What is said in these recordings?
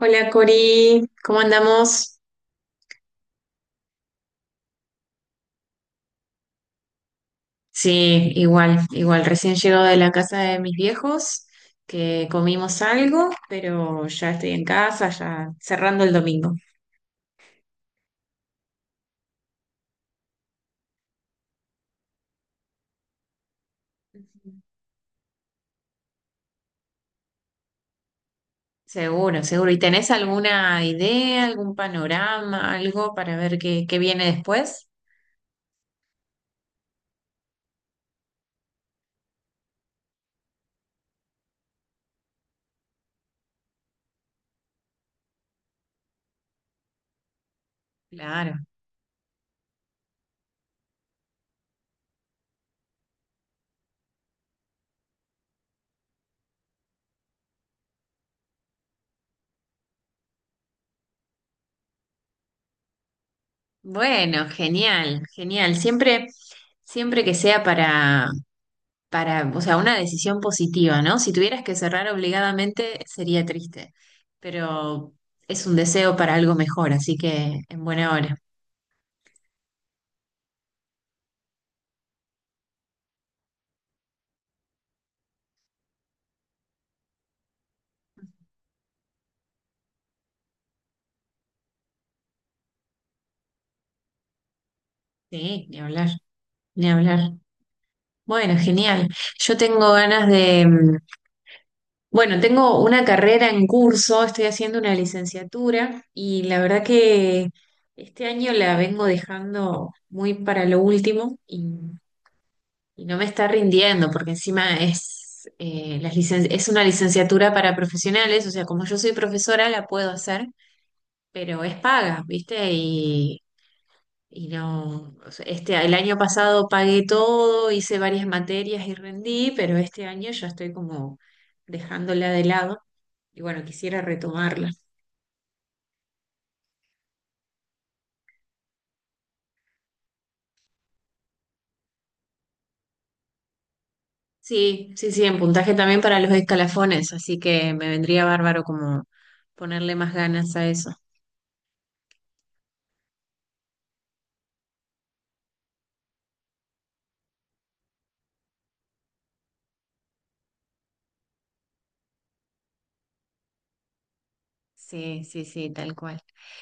Hola Cori, ¿cómo andamos? Sí, igual, igual. Recién llego de la casa de mis viejos, que comimos algo, pero ya estoy en casa, ya cerrando el domingo. Seguro, seguro. ¿Y tenés alguna idea, algún panorama, algo para ver qué viene después? Claro. Bueno, genial, genial. Siempre que sea para, o sea, una decisión positiva, ¿no? Si tuvieras que cerrar obligadamente sería triste, pero es un deseo para algo mejor, así que en buena hora. Sí, ni hablar, ni hablar. Bueno, genial. Yo tengo ganas de, bueno, tengo una carrera en curso, estoy haciendo una licenciatura y la verdad que este año la vengo dejando muy para lo último. Y no me está rindiendo, porque encima es una licenciatura para profesionales, o sea, como yo soy profesora, la puedo hacer, pero es paga, ¿viste? Y no, o sea, este, el año pasado pagué todo, hice varias materias y rendí, pero este año ya estoy como dejándola de lado y bueno, quisiera retomarla. Sí, sí, sí, en puntaje también para los escalafones, así que me vendría bárbaro como ponerle más ganas a eso. Sí, sí, sí, tal cual.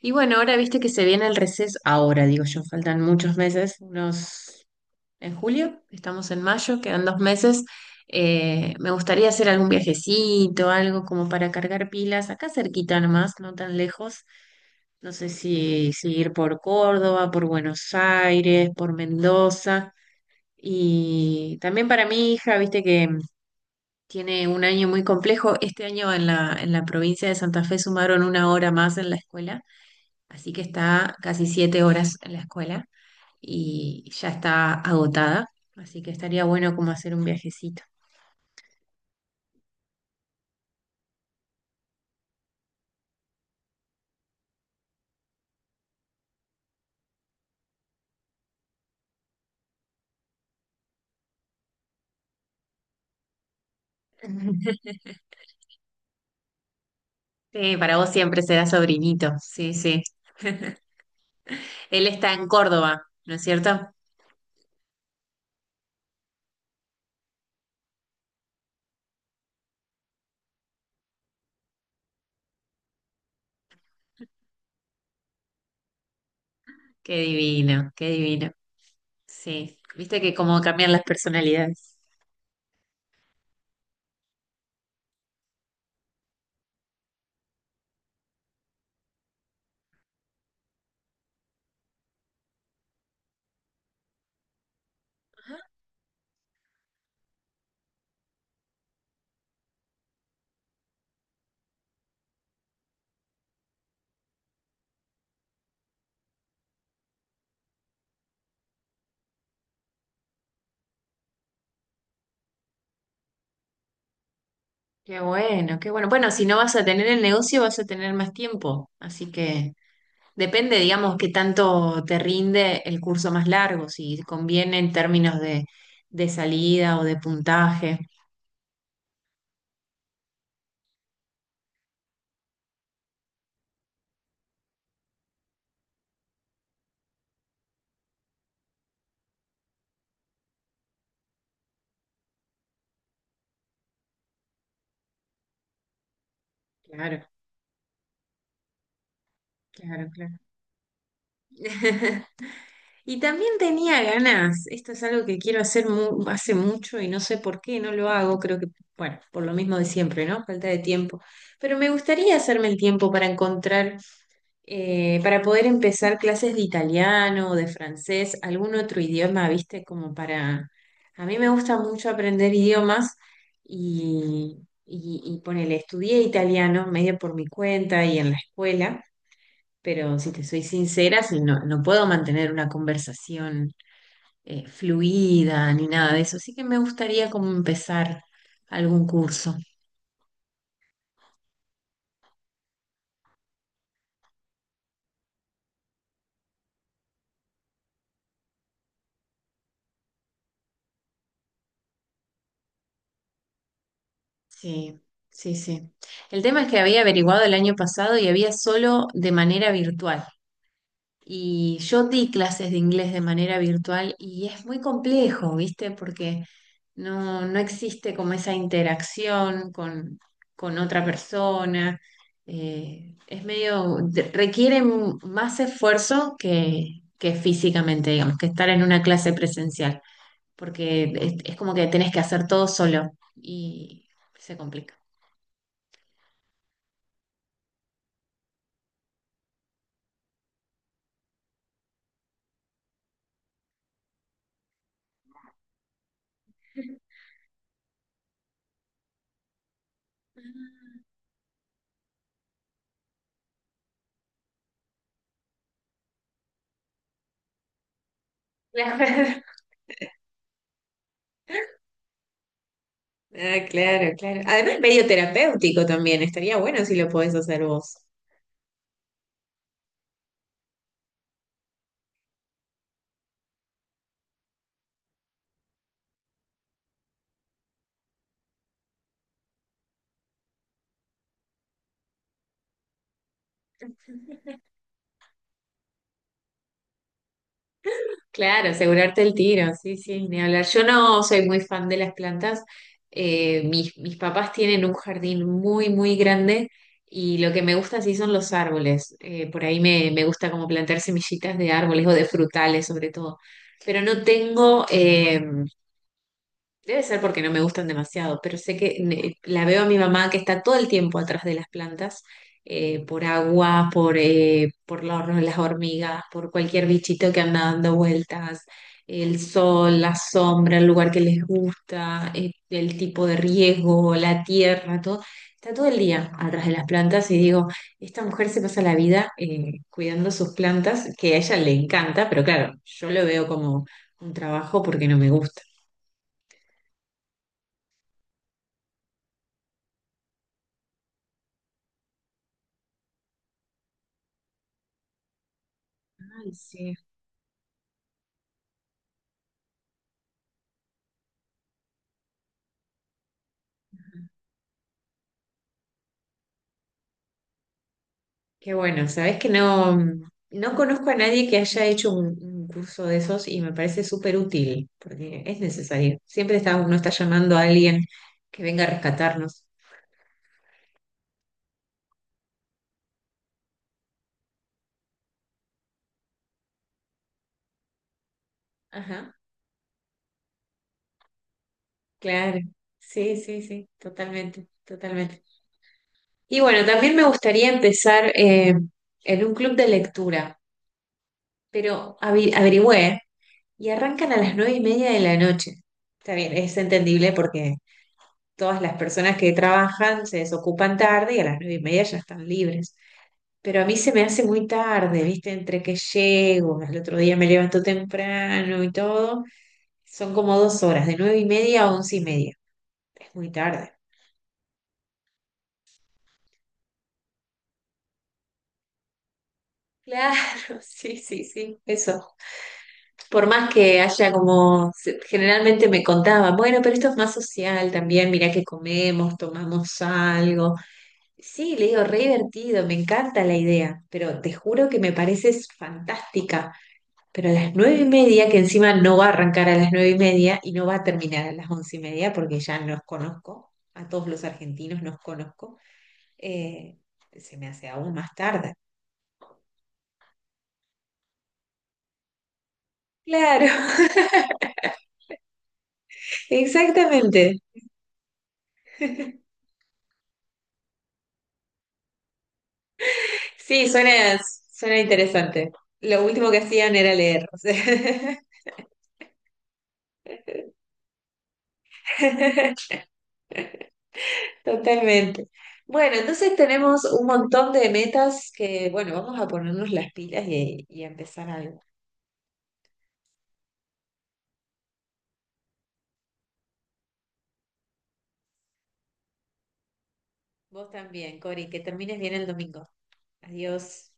Y bueno, ahora viste que se viene el receso, ahora digo yo, faltan muchos meses, unos, en julio, estamos en mayo, quedan 2 meses. Me gustaría hacer algún viajecito, algo como para cargar pilas, acá cerquita nomás, no tan lejos. No sé si ir por Córdoba, por Buenos Aires, por Mendoza. Y también para mi hija, viste que tiene un año muy complejo. Este año en la provincia de Santa Fe sumaron una hora más en la escuela. Así que está casi 7 horas en la escuela y ya está agotada. Así que estaría bueno como hacer un viajecito. Sí, para vos siempre será sobrinito. Sí, sí. Él está en Córdoba, ¿no es cierto? Qué divino, qué divino. Sí, viste que cómo cambian las personalidades. Qué bueno, qué bueno. Bueno, si no vas a tener el negocio, vas a tener más tiempo. Así que depende, digamos, qué tanto te rinde el curso más largo, si conviene en términos de salida o de puntaje. Claro, claro, claro. Y también tenía ganas, esto es algo que quiero hacer hace mucho y no sé por qué no lo hago, creo que, bueno, por lo mismo de siempre, ¿no? Falta de tiempo. Pero me gustaría hacerme el tiempo para encontrar, para poder empezar clases de italiano o de francés, algún otro idioma, viste, como para... A mí me gusta mucho aprender idiomas y, y ponele, estudié italiano medio por mi cuenta y en la escuela, pero si te soy sincera, no puedo mantener una conversación fluida ni nada de eso, así que me gustaría como empezar algún curso. Sí, sí, sí. El tema es que había averiguado el año pasado y había solo de manera virtual. Y yo di clases de inglés de manera virtual y es muy complejo, ¿viste? Porque no existe como esa interacción con otra persona. Es medio, requiere más esfuerzo que físicamente, digamos, que estar en una clase presencial, porque es como que tenés que hacer todo solo y se complica. Claro. Ah, claro, claro. Además, medio terapéutico también. Estaría bueno si lo podés hacer vos. Claro, asegurarte el tiro, sí, sí, ni hablar. Yo no soy muy fan de las plantas. Mis papás tienen un jardín muy, muy grande y lo que me gusta sí son los árboles. Me gusta como plantar semillitas de árboles o de frutales sobre todo. Pero no tengo, debe ser porque no me gustan demasiado, pero sé que la veo a mi mamá que está todo el tiempo atrás de las plantas, por agua, por las hormigas, por cualquier bichito que anda dando vueltas, el sol, la sombra, el lugar que les gusta, el tipo de riego, la tierra, todo. Está todo el día atrás de las plantas y digo, esta mujer se pasa la vida cuidando sus plantas, que a ella le encanta, pero claro, yo lo veo como un trabajo porque no me gusta. Ay, sí. Qué bueno, sabes que no conozco a nadie que haya hecho un curso de esos y me parece súper útil, porque es necesario. Siempre está, uno está llamando a alguien que venga a rescatarnos. Ajá, claro. Sí, sí, sí, totalmente, totalmente. Y bueno, también me gustaría empezar en un club de lectura, pero averigüé y arrancan a las 9 y media de la noche. Está bien, es entendible porque todas las personas que trabajan se desocupan tarde y a las 9 y media ya están libres. Pero a mí se me hace muy tarde, ¿viste? Entre que llego, al otro día me levanto temprano y todo. Son como 2 horas, de 9 y media a 11 y media. Es muy tarde. Claro, sí, sí, sí, eso. Por más que haya como, generalmente me contaban, bueno, pero esto es más social también, mirá que comemos, tomamos algo. Sí, le digo, re divertido, me encanta la idea, pero te juro que me parece fantástica. Pero a las 9 y media, que encima no va a arrancar a las 9 y media y no va a terminar a las 11 y media, porque ya nos conozco, a todos los argentinos nos conozco, eh, se me hace aún más tarde. Claro, exactamente. Sí, suena, suena interesante. Lo último que hacían era leer, o sea. Totalmente. Bueno, entonces tenemos un montón de metas que, bueno, vamos a ponernos las pilas y a empezar algo. Vos también, Cori, que termines bien el domingo. Adiós.